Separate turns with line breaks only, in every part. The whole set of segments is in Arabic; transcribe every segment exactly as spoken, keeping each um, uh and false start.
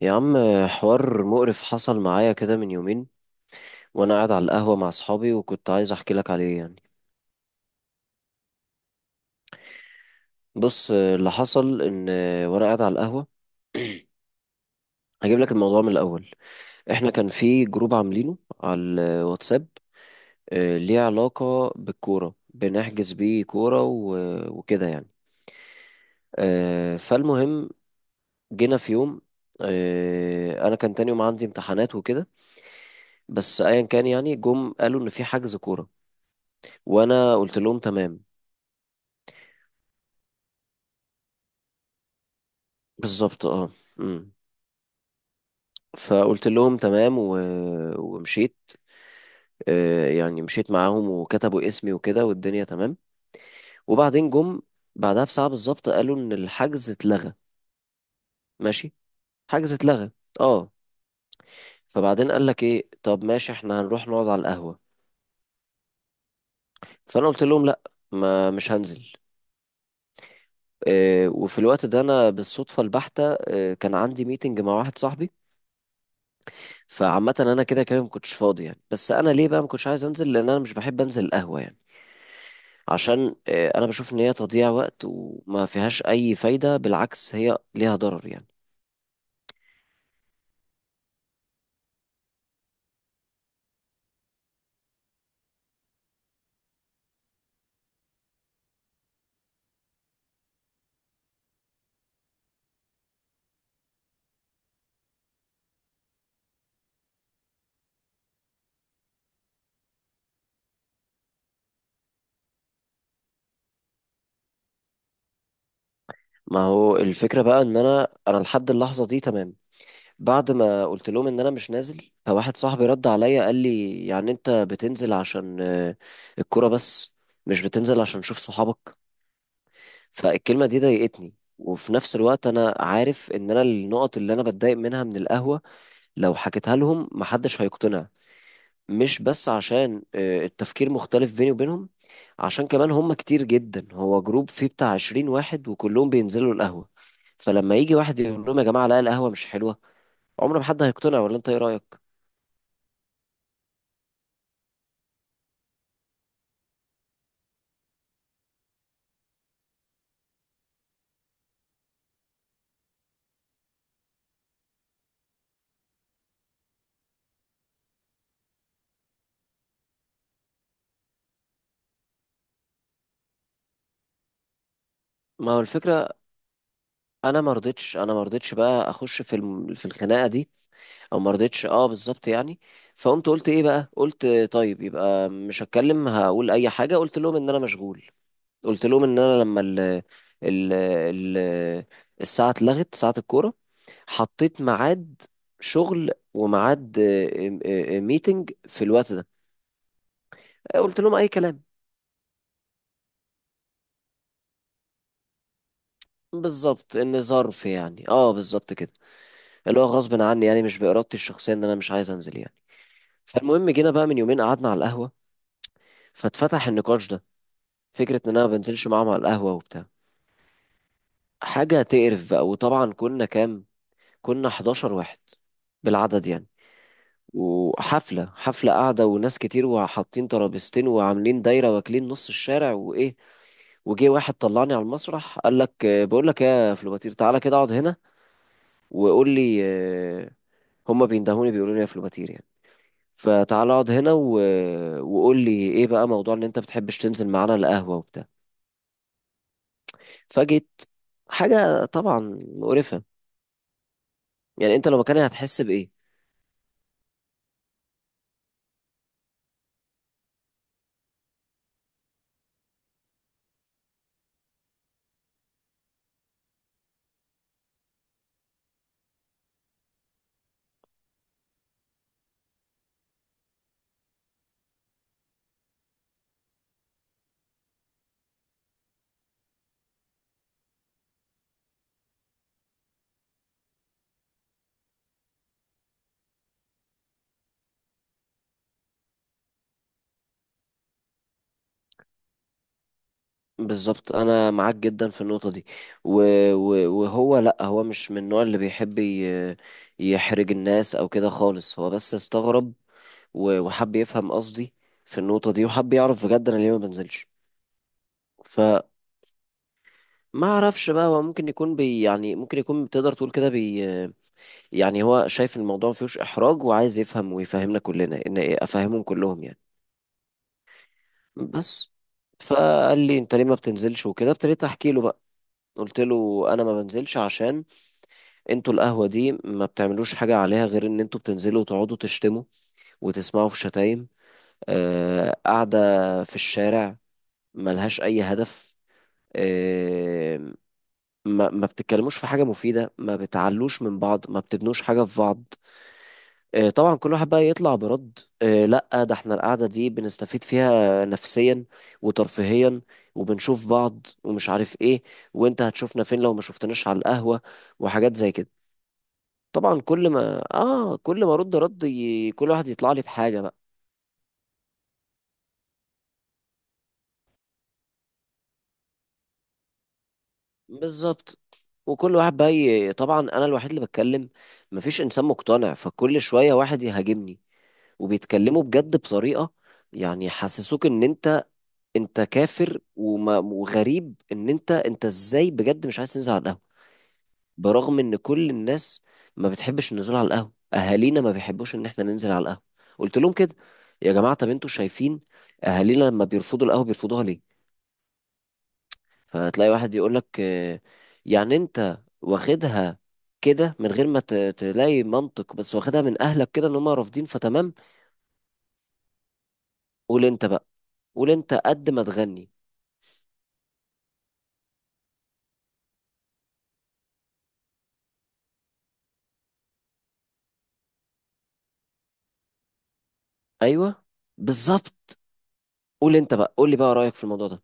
يا عم، حوار مقرف حصل معايا كده من يومين وانا قاعد على القهوة مع اصحابي، وكنت عايز احكي لك عليه يعني. بص اللي حصل ان وانا قاعد على القهوة، هجيب لك الموضوع من الاول. احنا كان في جروب عاملينه على الواتساب، آه، ليه علاقة بالكورة، بنحجز بيه كورة و- وكده يعني. آه، فالمهم، جينا في يوم، آه، انا كان تاني يوم عندي امتحانات وكده. بس ايا كان يعني، جم قالوا ان في حجز كورة، وانا قلت لهم تمام. بالظبط اه. مم. فقلت لهم تمام و... ومشيت. آه، يعني مشيت معاهم وكتبوا اسمي وكده والدنيا تمام. وبعدين جم بعدها بساعة بالظبط قالوا ان الحجز اتلغى. ماشي، حجز اتلغى اه. فبعدين قال لك ايه، طب ماشي احنا هنروح نقعد على القهوة. فانا قلت لهم لا، ما مش هنزل. آه، وفي الوقت ده انا بالصدفة البحتة آه، كان عندي ميتنج مع واحد صاحبي. فعامة انا كده كده ما كنتش فاضي يعني، بس انا ليه بقى ما كنتش عايز انزل؟ لان انا مش بحب انزل القهوة يعني. عشان آه، انا بشوف ان هي تضييع وقت وما فيهاش اي فايدة، بالعكس هي ليها ضرر يعني. ما هو الفكرة بقى ان انا انا لحد اللحظة دي تمام. بعد ما قلت لهم ان انا مش نازل، فواحد صاحبي رد عليا قال لي، يعني انت بتنزل عشان آه، الكرة بس، مش بتنزل عشان تشوف صحابك. فالكلمة دي ضايقتني، وفي نفس الوقت انا عارف ان انا النقط اللي انا بتضايق منها من القهوة لو حكيتها لهم محدش هيقتنع. مش بس عشان آه، التفكير مختلف بيني وبينهم، عشان كمان هم كتير جدا، هو جروب فيه بتاع عشرين واحد وكلهم بينزلوا القهوة. فلما يجي واحد يقول لهم يا جماعة لا القهوة مش حلوة، عمر ما حد هيقتنع. ولا انت ايه رأيك؟ ما هو الفكرة، أنا ما رضيتش أنا ما رضيتش بقى أخش في الم... في الخناقة دي. أو ما رضيتش أه، بالظبط يعني. فقمت قلت إيه بقى؟ قلت آه، طيب يبقى مش هتكلم، هقول أي حاجة. قلت لهم إن أنا مشغول. قلت لهم ان انا لما ال ال ال الساعه اتلغت ساعه الكوره، حطيت ميعاد شغل وميعاد، آه، آه، آه، ميتنج في الوقت ده. قلت لهم اي كلام بالظبط، ان ظرف يعني اه، بالظبط كده. اللي هو غصب عني يعني، مش بارادتي الشخصيه ان انا مش عايز انزل يعني. فالمهم جينا بقى من يومين، قعدنا على القهوه، فاتفتح النقاش ده، فكره ان انا ما بنزلش معاهم على القهوه وبتاع. حاجه تقرف بقى. وطبعا كنا كام كنا حداشر واحد بالعدد يعني. وحفلة حفلة قاعدة، وناس كتير، وحاطين ترابيزتين وعاملين دايرة واكلين نص الشارع وإيه. وجه واحد طلعني على المسرح قال لك، آه، بقول لك يا فلوباتير تعالى كده اقعد هنا. وقول لي آه، هما بيندهوني بيقولوا لي يا فلوباتير يعني. فتعالى اقعد هنا و... وقول لي ايه بقى موضوع ان انت بتحبش تنزل معانا القهوة وبتاع. فجيت، حاجة طبعا مقرفة. يعني انت لو مكاني هتحس بإيه؟ بالظبط، انا معاك جدا في النقطه دي. و... و... وهو لا، هو مش من النوع اللي بيحب ي... يحرج الناس او كده خالص، هو بس استغرب و... وحب يفهم قصدي في النقطه دي، وحب يعرف بجد انا ليه ما بنزلش. فما اعرفش بقى، هو ممكن يكون بي... يعني ممكن يكون تقدر تقول كده بي... يعني هو شايف الموضوع ما فيهوش احراج، وعايز يفهم ويفهمنا كلنا ان إيه، افهمهم كلهم يعني بس. فقال لي انت ليه ما بتنزلش وكده، ابتديت احكي له بقى. قلت له انا ما بنزلش عشان انتوا القهوة دي ما بتعملوش حاجة عليها غير ان انتوا بتنزلوا وتقعدوا تشتموا وتسمعوا في شتايم، آه، قاعدة في الشارع ملهاش اي هدف. آه، ما ما بتتكلموش في حاجة مفيدة، ما بتعلوش من بعض، ما بتبنوش حاجة في بعض. آه، طبعا كل واحد بقى يطلع برد، آه، لا ده احنا القعدة دي بنستفيد فيها نفسيا وترفيهيا، وبنشوف بعض ومش عارف ايه، وانت هتشوفنا فين لو ما شفتناش على القهوة، وحاجات زي كده. طبعا كل ما اه كل ما ارد رد ي... كل واحد يطلع لي بحاجه بقى. بالظبط. وكل واحد بقى ي... طبعا انا الوحيد اللي بتكلم، مفيش انسان مقتنع، فكل شويه واحد يهاجمني. وبيتكلموا بجد بطريقه يعني يحسسوك ان انت انت كافر وما... وغريب، ان انت انت ازاي بجد مش عايز تنزل على القهوه؟ برغم ان كل الناس ما بتحبش النزول على القهوه، اهالينا ما بيحبوش ان احنا ننزل على القهوه. قلت لهم كده، يا جماعه طب انتوا شايفين اهالينا لما بيرفضوا القهوه بيرفضوها ليه؟ فتلاقي واحد يقول لك، يعني انت واخدها كده من غير ما ت- تلاقي منطق، بس واخدها من اهلك كده ان هم رافضين فتمام. قول انت بقى، قول انت قد ما تغني. ايوه، بالظبط. قول انت بقى، قول لي بقى رايك في الموضوع ده.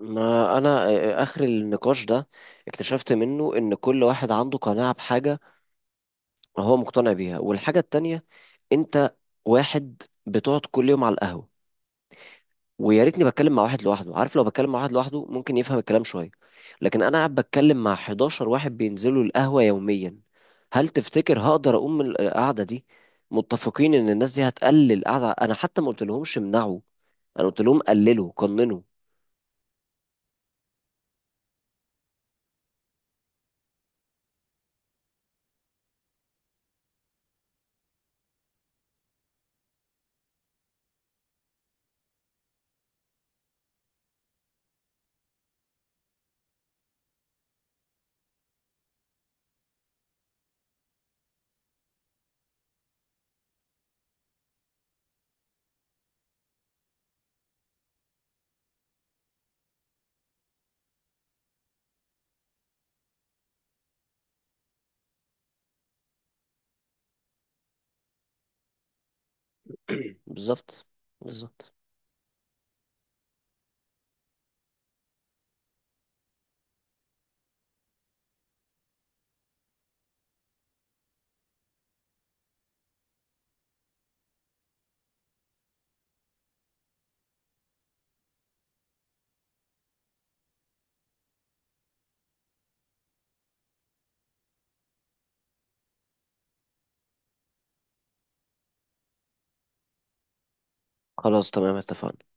ما انا آه، اخر النقاش ده اكتشفت منه ان كل واحد عنده قناعة بحاجة هو مقتنع بيها، والحاجة التانية انت واحد بتقعد كل يوم على القهوة. ويا ريتني بتكلم مع واحد لوحده، عارف لو بتكلم مع واحد لوحده ممكن يفهم الكلام شوية، لكن انا قاعد بتكلم مع حداشر واحد بينزلوا القهوة يوميا. هل تفتكر هقدر اقوم من القعدة دي متفقين ان الناس دي هتقلل القعدة؟ انا حتى ما قلتلهمش امنعوا، انا قلت لهم قللوا، قننوا. بالظبط، بالظبط. خلاص تمام، اتفقنا.